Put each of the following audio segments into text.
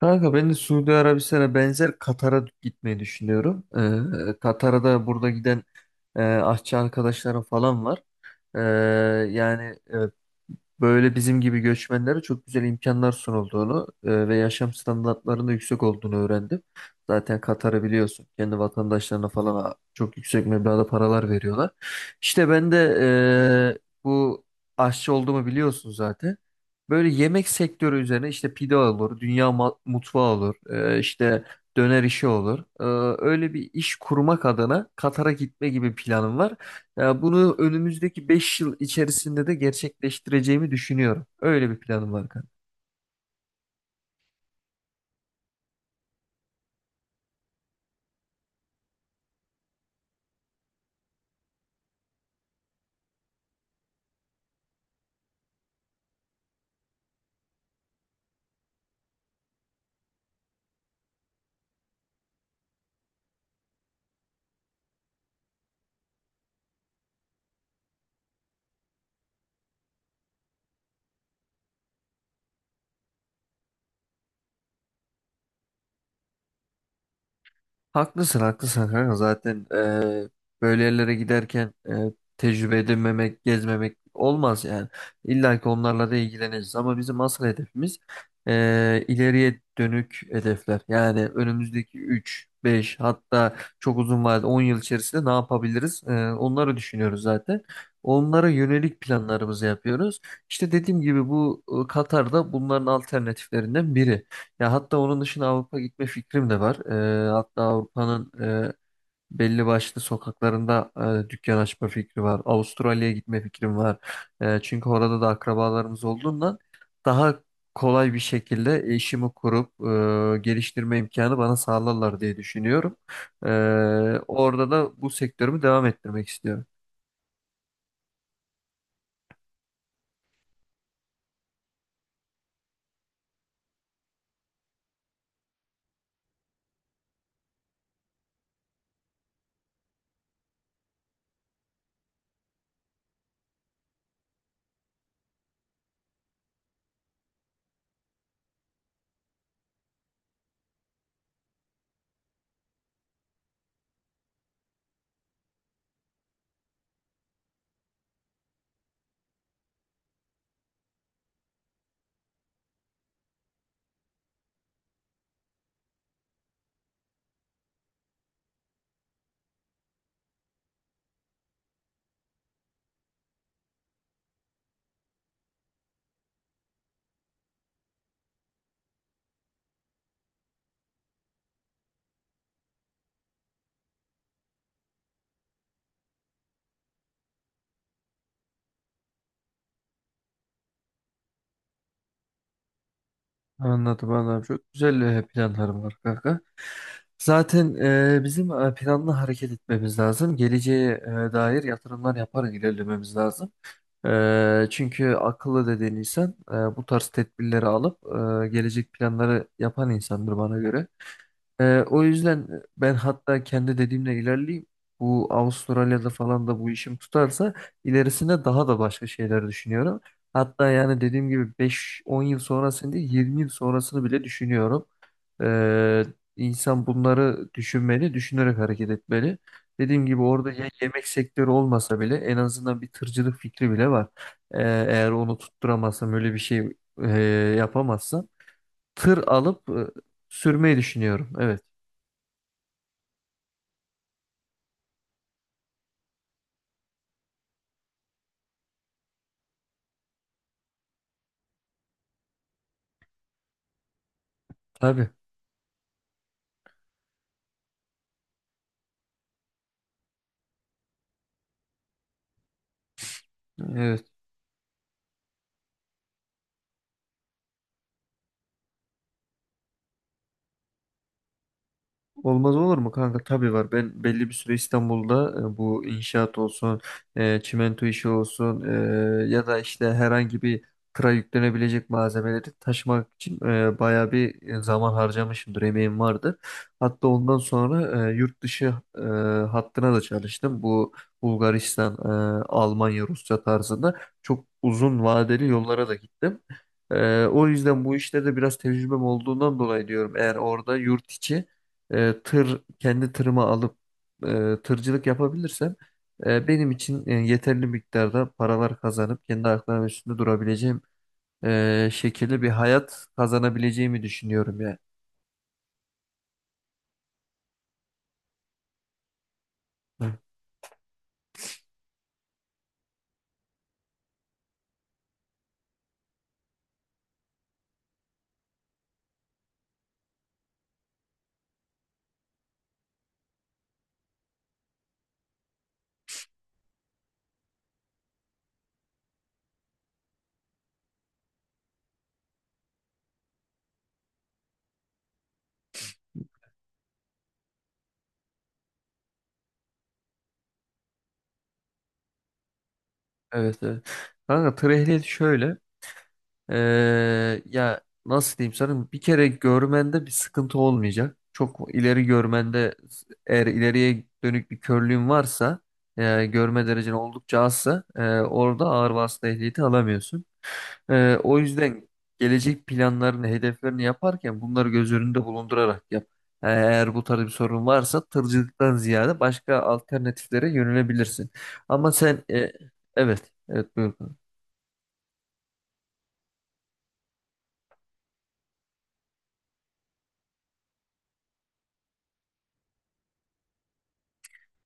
Kanka ben de Suudi Arabistan'a benzer Katar'a gitmeyi düşünüyorum. Katar'a da burada giden aşçı arkadaşlarım falan var. Ee, yani evet, böyle bizim gibi göçmenlere çok güzel imkanlar sunulduğunu ve yaşam standartlarının da yüksek olduğunu öğrendim. Zaten Katar'ı biliyorsun. Kendi vatandaşlarına falan, çok yüksek meblağda paralar veriyorlar. İşte ben de e, bu aşçı olduğumu biliyorsun zaten. Böyle yemek sektörü üzerine işte pide olur, mutfağı olur, işte döner işi olur. Öyle bir iş kurmak adına Katar'a gitme gibi planım var. Ya bunu önümüzdeki 5 yıl içerisinde de gerçekleştireceğimi düşünüyorum. Öyle bir planım var. Haklısın haklısın kanka, zaten böyle yerlere giderken tecrübe edinmemek, gezmemek olmaz yani. İlla ki onlarla da ilgileneceğiz ama bizim asıl hedefimiz ileriye dönük hedefler. Yani önümüzdeki 3, beş, hatta çok uzun vadede 10 yıl içerisinde ne yapabiliriz? Onları düşünüyoruz zaten. Onlara yönelik planlarımızı yapıyoruz. İşte dediğim gibi bu Katar'da bunların alternatiflerinden biri. Ya hatta onun dışında Avrupa gitme fikrim de var. Hatta Avrupa'nın e, belli başlı sokaklarında dükkan açma fikri var. Avustralya'ya gitme fikrim var. Çünkü orada da akrabalarımız olduğundan daha kolay bir şekilde işimi kurup geliştirme imkanı bana sağlarlar diye düşünüyorum. E, orada da bu sektörümü devam ettirmek istiyorum. Anladım anladım. Çok güzel planlarım var kanka. Zaten bizim planlı hareket etmemiz lazım. Geleceğe dair yatırımlar yaparak ilerlememiz lazım. Çünkü akıllı dediğin insan bu tarz tedbirleri alıp gelecek planları yapan insandır bana göre. O yüzden ben hatta kendi dediğimle ilerleyeyim. Bu Avustralya'da falan da bu işim tutarsa ilerisinde daha da başka şeyler düşünüyorum. Hatta yani dediğim gibi 5-10 yıl sonrasını değil, 20 yıl sonrasını bile düşünüyorum. Ee, insan bunları düşünmeli, düşünerek hareket etmeli. Dediğim gibi orada ya yemek sektörü olmasa bile en azından bir tırcılık fikri bile var. Eğer onu tutturamazsam öyle bir şey e, yapamazsam tır alıp sürmeyi düşünüyorum. Evet. Tabii. Evet. Olmaz olur mu kanka? Tabii var. Ben belli bir süre İstanbul'da bu inşaat olsun, çimento işi olsun, ya da işte herhangi bir tıra yüklenebilecek malzemeleri taşımak için bayağı bir zaman harcamışımdır. Emeğim vardır. Hatta ondan sonra yurt dışı hattına da çalıştım. Bu Bulgaristan, Almanya, Rusya tarzında çok uzun vadeli yollara da gittim. O yüzden bu işlerde biraz tecrübem olduğundan dolayı diyorum. Eğer orada yurt içi tır, kendi tırıma alıp tırcılık yapabilirsem benim için yeterli miktarda paralar kazanıp kendi ayaklarımın üstünde durabileceğim şekilde bir hayat kazanabileceğimi düşünüyorum yani. Hı. Evet evet. Kanka, tır ehliyeti şöyle e, ya nasıl diyeyim sana, bir kere görmende bir sıkıntı olmayacak. Çok ileri görmende, eğer ileriye dönük bir körlüğün varsa, görme derecen oldukça azsa, orada ağır vasıta ehliyeti alamıyorsun. O yüzden gelecek planlarını, hedeflerini yaparken bunları göz önünde bulundurarak yap. Eğer bu tarz bir sorun varsa tırcılıktan ziyade başka alternatiflere yönelebilirsin. Ama sen evet, evet, buyur.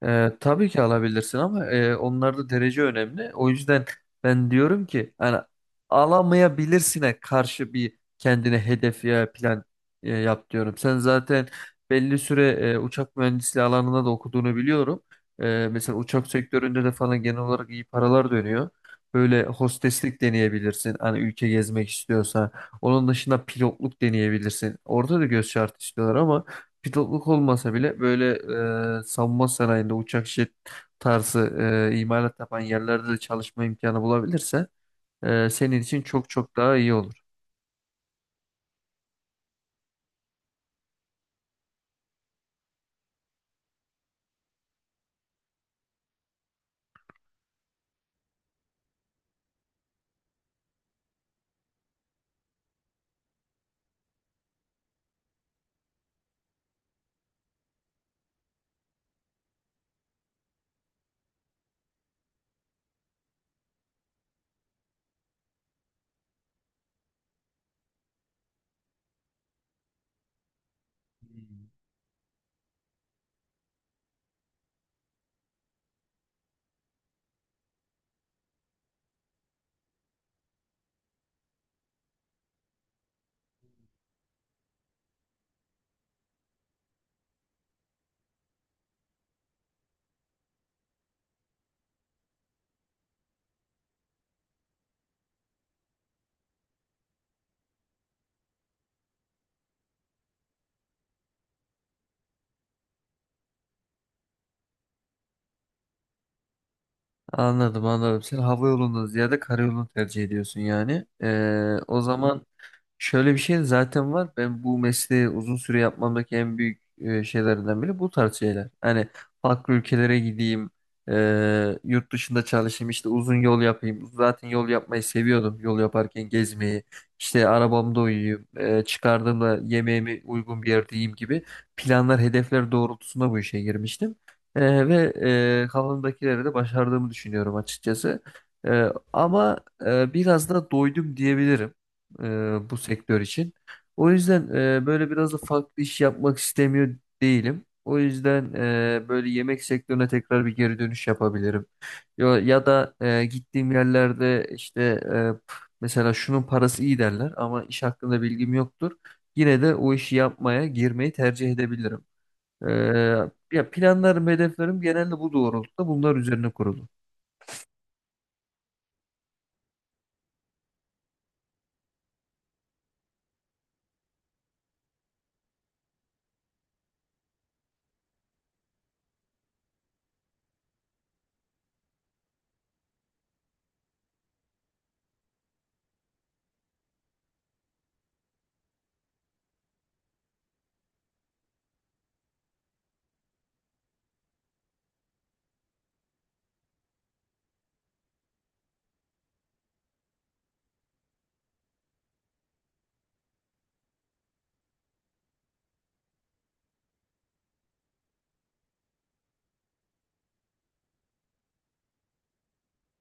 Tabii ki alabilirsin ama onlarda derece önemli. O yüzden ben diyorum ki hani alamayabilirsine karşı bir kendine hedef ya plan yap diyorum. Sen zaten belli süre uçak mühendisliği alanında da okuduğunu biliyorum. Mesela uçak sektöründe de falan genel olarak iyi paralar dönüyor. Böyle hosteslik deneyebilirsin. Hani ülke gezmek istiyorsa. Onun dışında pilotluk deneyebilirsin. Orada da göz şartı istiyorlar ama pilotluk olmasa bile böyle savunma sanayinde uçak, jet tarzı imalat yapan yerlerde de çalışma imkanı bulabilirse senin için çok çok daha iyi olur. Anladım anladım. Sen hava yolundan ziyade karayolunu tercih ediyorsun yani. O zaman şöyle bir şey de zaten var. Ben bu mesleği uzun süre yapmamdaki en büyük şeylerinden biri bu tarz şeyler. Hani farklı ülkelere gideyim, yurt dışında çalışayım, işte uzun yol yapayım. Zaten yol yapmayı seviyordum. Yol yaparken gezmeyi, işte arabamda uyuyayım, çıkardığımda yemeğimi uygun bir yerde yiyeyim gibi planlar, hedefler doğrultusunda bu işe girmiştim. Ve kafamdakileri de başardığımı düşünüyorum açıkçası. E, ama biraz da doydum diyebilirim bu sektör için. O yüzden böyle biraz da farklı iş yapmak istemiyor değilim. O yüzden böyle yemek sektörüne tekrar bir geri dönüş yapabilirim. Ya, ya da gittiğim yerlerde işte mesela şunun parası iyi derler ama iş hakkında bilgim yoktur. Yine de o işi yapmaya girmeyi tercih edebilirim. E, ya planlarım, hedeflerim genelde bu doğrultuda, bunlar üzerine kurulu.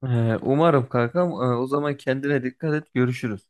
E, Umarım kankam. O zaman kendine dikkat et. Görüşürüz.